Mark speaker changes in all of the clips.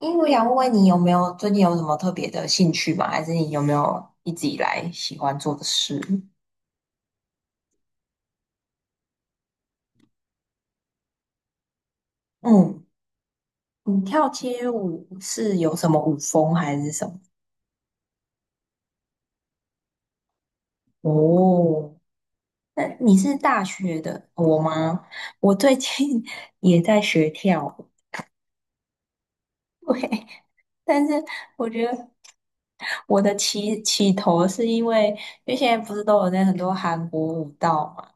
Speaker 1: 因为我想问问你有没有最近有什么特别的兴趣吗？还是你有没有一直以来喜欢做的事？嗯。你跳街舞是有什么舞风还是什么？哦，那你是大学的我吗？我最近 也在学跳舞。对，但是我觉得我的起头是因为，因为现在不是都有在很多韩国舞蹈。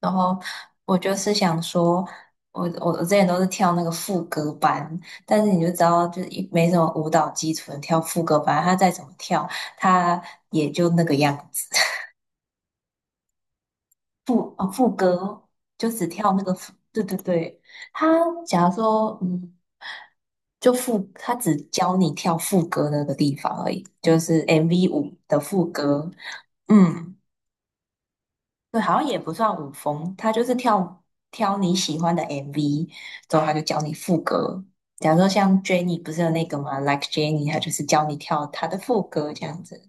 Speaker 1: 然后我就是想说，我之前都是跳那个副歌班，但是你就知道，就是一没什么舞蹈基础的跳副歌班，他再怎么跳，他也就那个样子。副歌就只跳那个副，对对对。他假如说就副他只教你跳副歌那个地方而已，就是 MV 五的副歌。嗯。对，好像也不算舞风，他就是跳挑你喜欢的 MV，之后他就教你副歌。假如说像 Jennie 不是有那个嘛，Like Jennie，他就是教你跳他的副歌这样子。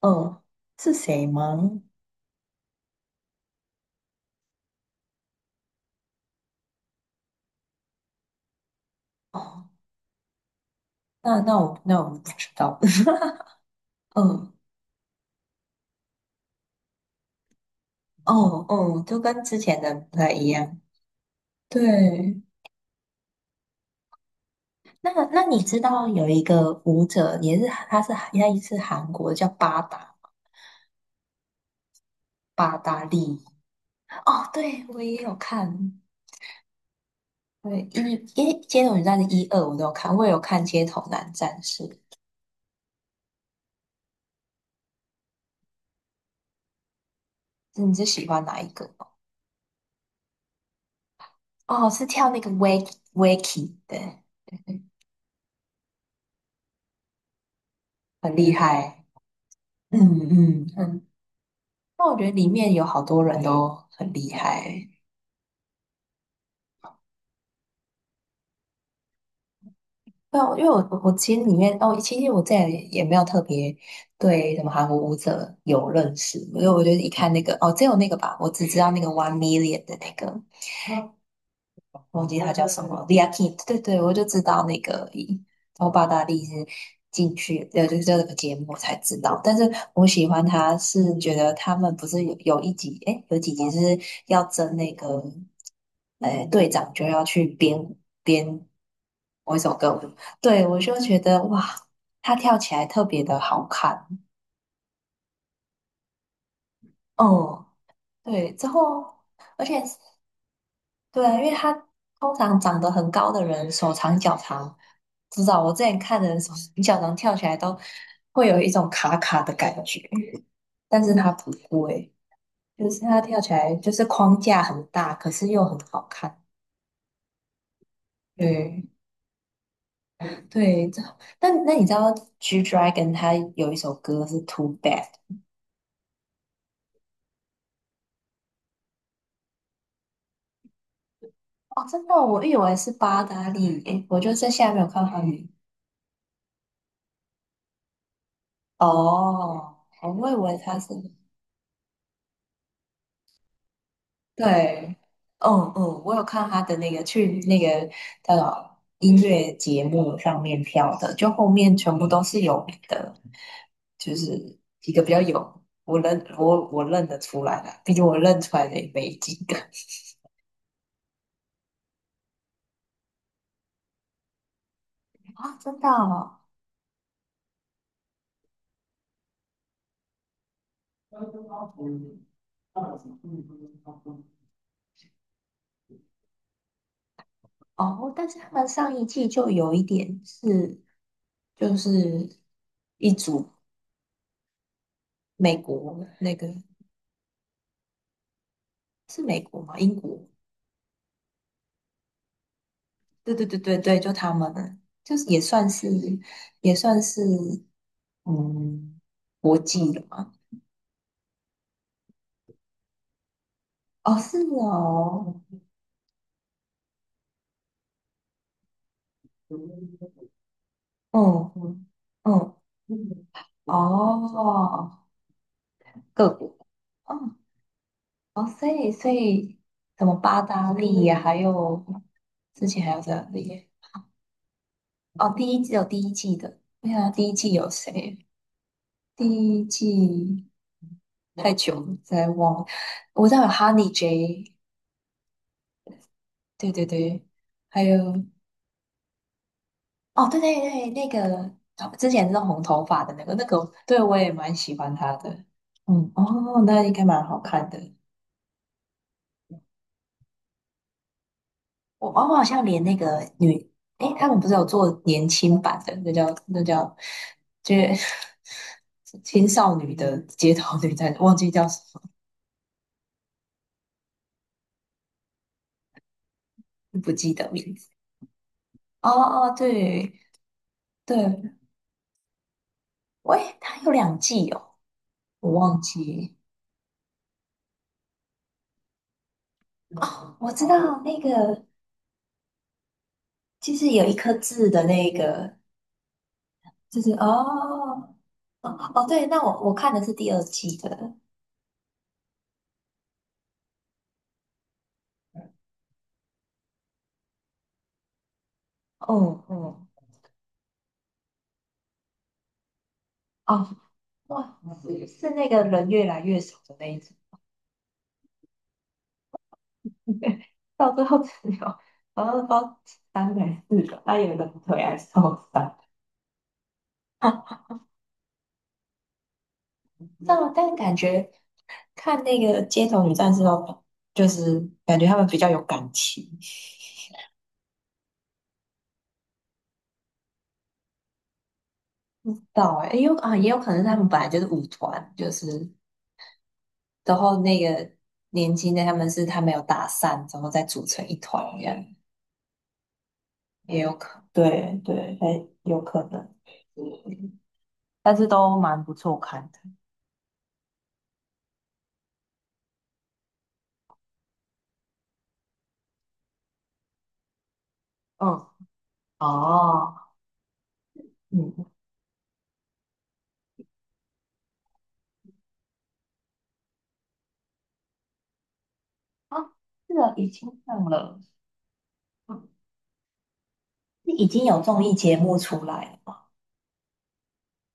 Speaker 1: 嗯，是谁吗？哦，那我不知道。嗯，哦哦，就跟之前的不太一样。对，那你知道有一个舞者也是，他也是韩国的，叫八达利。哦，对，我也有看。对，为街头女战的一二我都有看，我也有看街头男战士。你是喜欢哪一个吗？哦，是跳那个 wake wakey。对，对对，很厉害。嗯嗯，嗯，那我觉得里面有好多人都很厉害。对啊，因为我其实里面哦，其实我这也没有特别对什么韩国舞者有认识，因为我觉得一看那个哦，只有那个吧，我只知道那个 One Million 的那个。忘记他叫什么 l i a k i， 对对，我就知道那个而然后巴达利是进去，就是这个节目我才知道。但是我喜欢他是觉得他们不是有一集，诶，有几集是要争那个，诶，队长就要去编某一首歌舞。对，我就觉得哇，他跳起来特别的好看。哦，对，之后，而且对，啊，因为他通常长得很高的人，手长脚长，知道我之前看的人手脚长跳起来都会有一种卡卡的感觉，但是他不会，就是他跳起来就是框架很大，可是又很好看。对对，这，那你知道 G Dragon 他有一首歌是 Too Bad。 哦，真的哦，我以为是八达利，诶，我就在下面有看到你。哦，我以为他是。对，嗯嗯，我有看他的那个去那个音乐节目上面跳的，就后面全部都是有名的，就是几个比较有我认得出来的，毕竟我认出来的也没几个 啊，真的哦。哦，但是他们上一季就有一点是，就是一组美国，那个是美国吗？英国？对对对对对，就他们，就是也算是，也算是。嗯，国际的吗？哦，是哦。嗯嗯，嗯，哦，各国。嗯，哦，所以什么八大利呀，还有之前还有谁里。哦，第一季有第一季的，对啊，第一季有谁？第一季太久了，再忘了，我知道有哈尼 J，对对对，还有。哦，对对对，那个哦之前弄红头发的那个，那个对我也蛮喜欢她的。嗯，哦，那应该蛮好看的。我好像连那个女，诶，他们不是有做年轻版的，那叫，就是 青少女的街头女战士，忘记叫什么，不记得名字。哦哦，对对，喂，它有两季哦，我忘记。我知道那个就是有一颗痣的那个，就是哦。哦哦，对，那我看的是第二季的。嗯嗯，哦，哇，是那个人越来越少的那一种。到最后只有好像包三个还是四个，那有一个腿还受伤。啊，但感觉看那个街头女战士哦，就是感觉他们比较有感情。到哎、欸有啊，也有可能是他们本来就是舞团，就是然后那个年轻的他们是他没有打散，然后再组成一团这样。也有可能。对对，哎，有可能，但是都蛮不错看的。嗯。哦。嗯。啊，这个已经上了。嗯，已经有综艺节目出来了吗？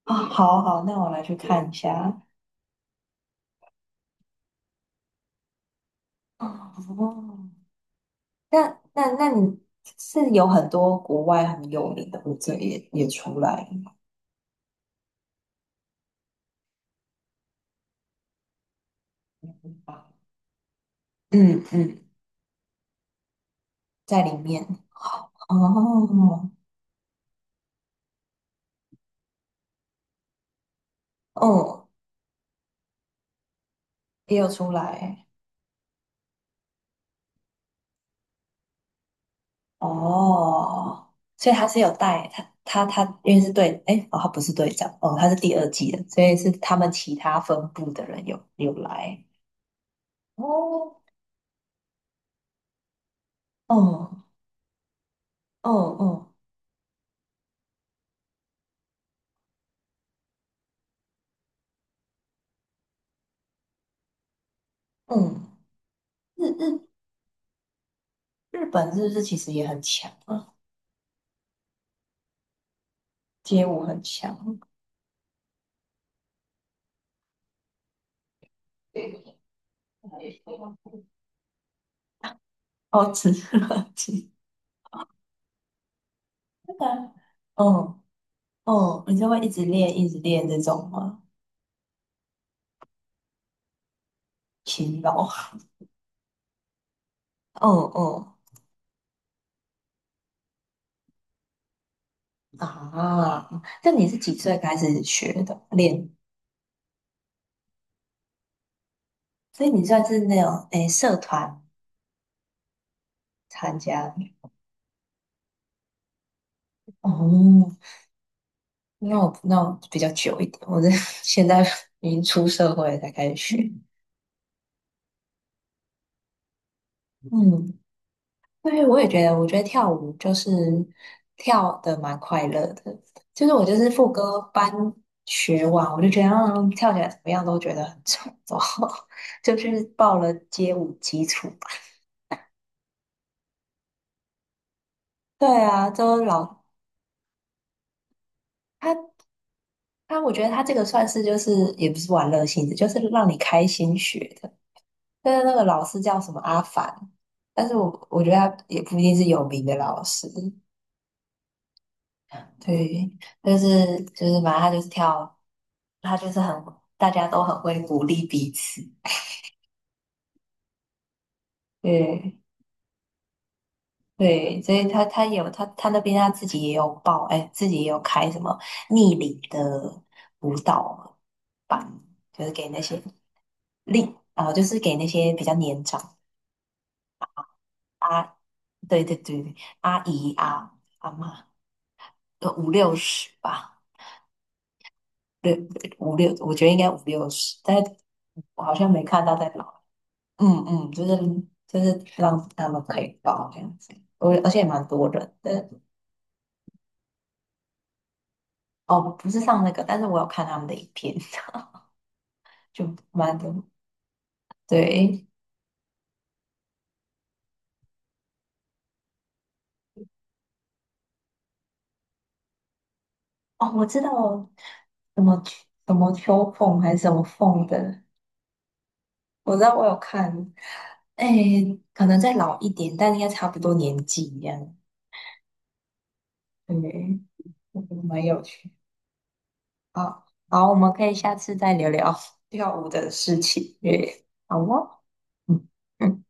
Speaker 1: 啊，好好，那我来去看一下。哦，那你是有很多国外很有名的舞者也出来了吗？嗯嗯，在里面哦。哦，也有出来。哦，所以他是有带他，因为是队，诶，哦，他不是队长，哦，他是第二季的，所以是他们其他分部的人有来。哦，哦，哦，哦，嗯，日日日本是不是其实也很强啊？街舞很强。哦，只是垃圾。啊，嗯嗯，你就会一直练一直练这种吗？勤劳。嗯嗯，啊，那你是几岁开始学的？练所以你算是那种诶社团参加的哦？那我比较久一点，我是 现在已经出社会了才开始学。嗯，对，我也觉得，我觉得跳舞就是跳的蛮快乐的，就是我就是副歌班学完，我就觉得跳起来怎么样都觉得很丑，然后 就去报了街舞基础班。对啊，都老，他我觉得他这个算是就是也不是玩乐性质，就是让你开心学的。但是那个老师叫什么阿凡，但是我觉得他也不一定是有名的老师。对，就是反正他就是跳，他就是很大家都很会鼓励彼此。对对，所以他有他那边他自己也有报，哎，自己也有开什么逆龄的舞蹈班，就是给那些力啊、呃就是给那些比较年长，啊，对对对，阿姨啊，阿妈，有五六十吧。对，五六，我觉得应该五六十，但是我好像没看到在老。嗯嗯，就是让他们可以报这样子，我而且也蛮多人的。哦，不是上那个，但是我有看他们的影片，就蛮多，对。哦，我知道什么秋，什么秋凤还是什么凤的。我知道我有看，哎，可能再老一点，但应该差不多年纪一样。对，我觉得蛮有趣。好，好，我们可以下次再聊聊跳舞的事情。耶，好哦。嗯。嗯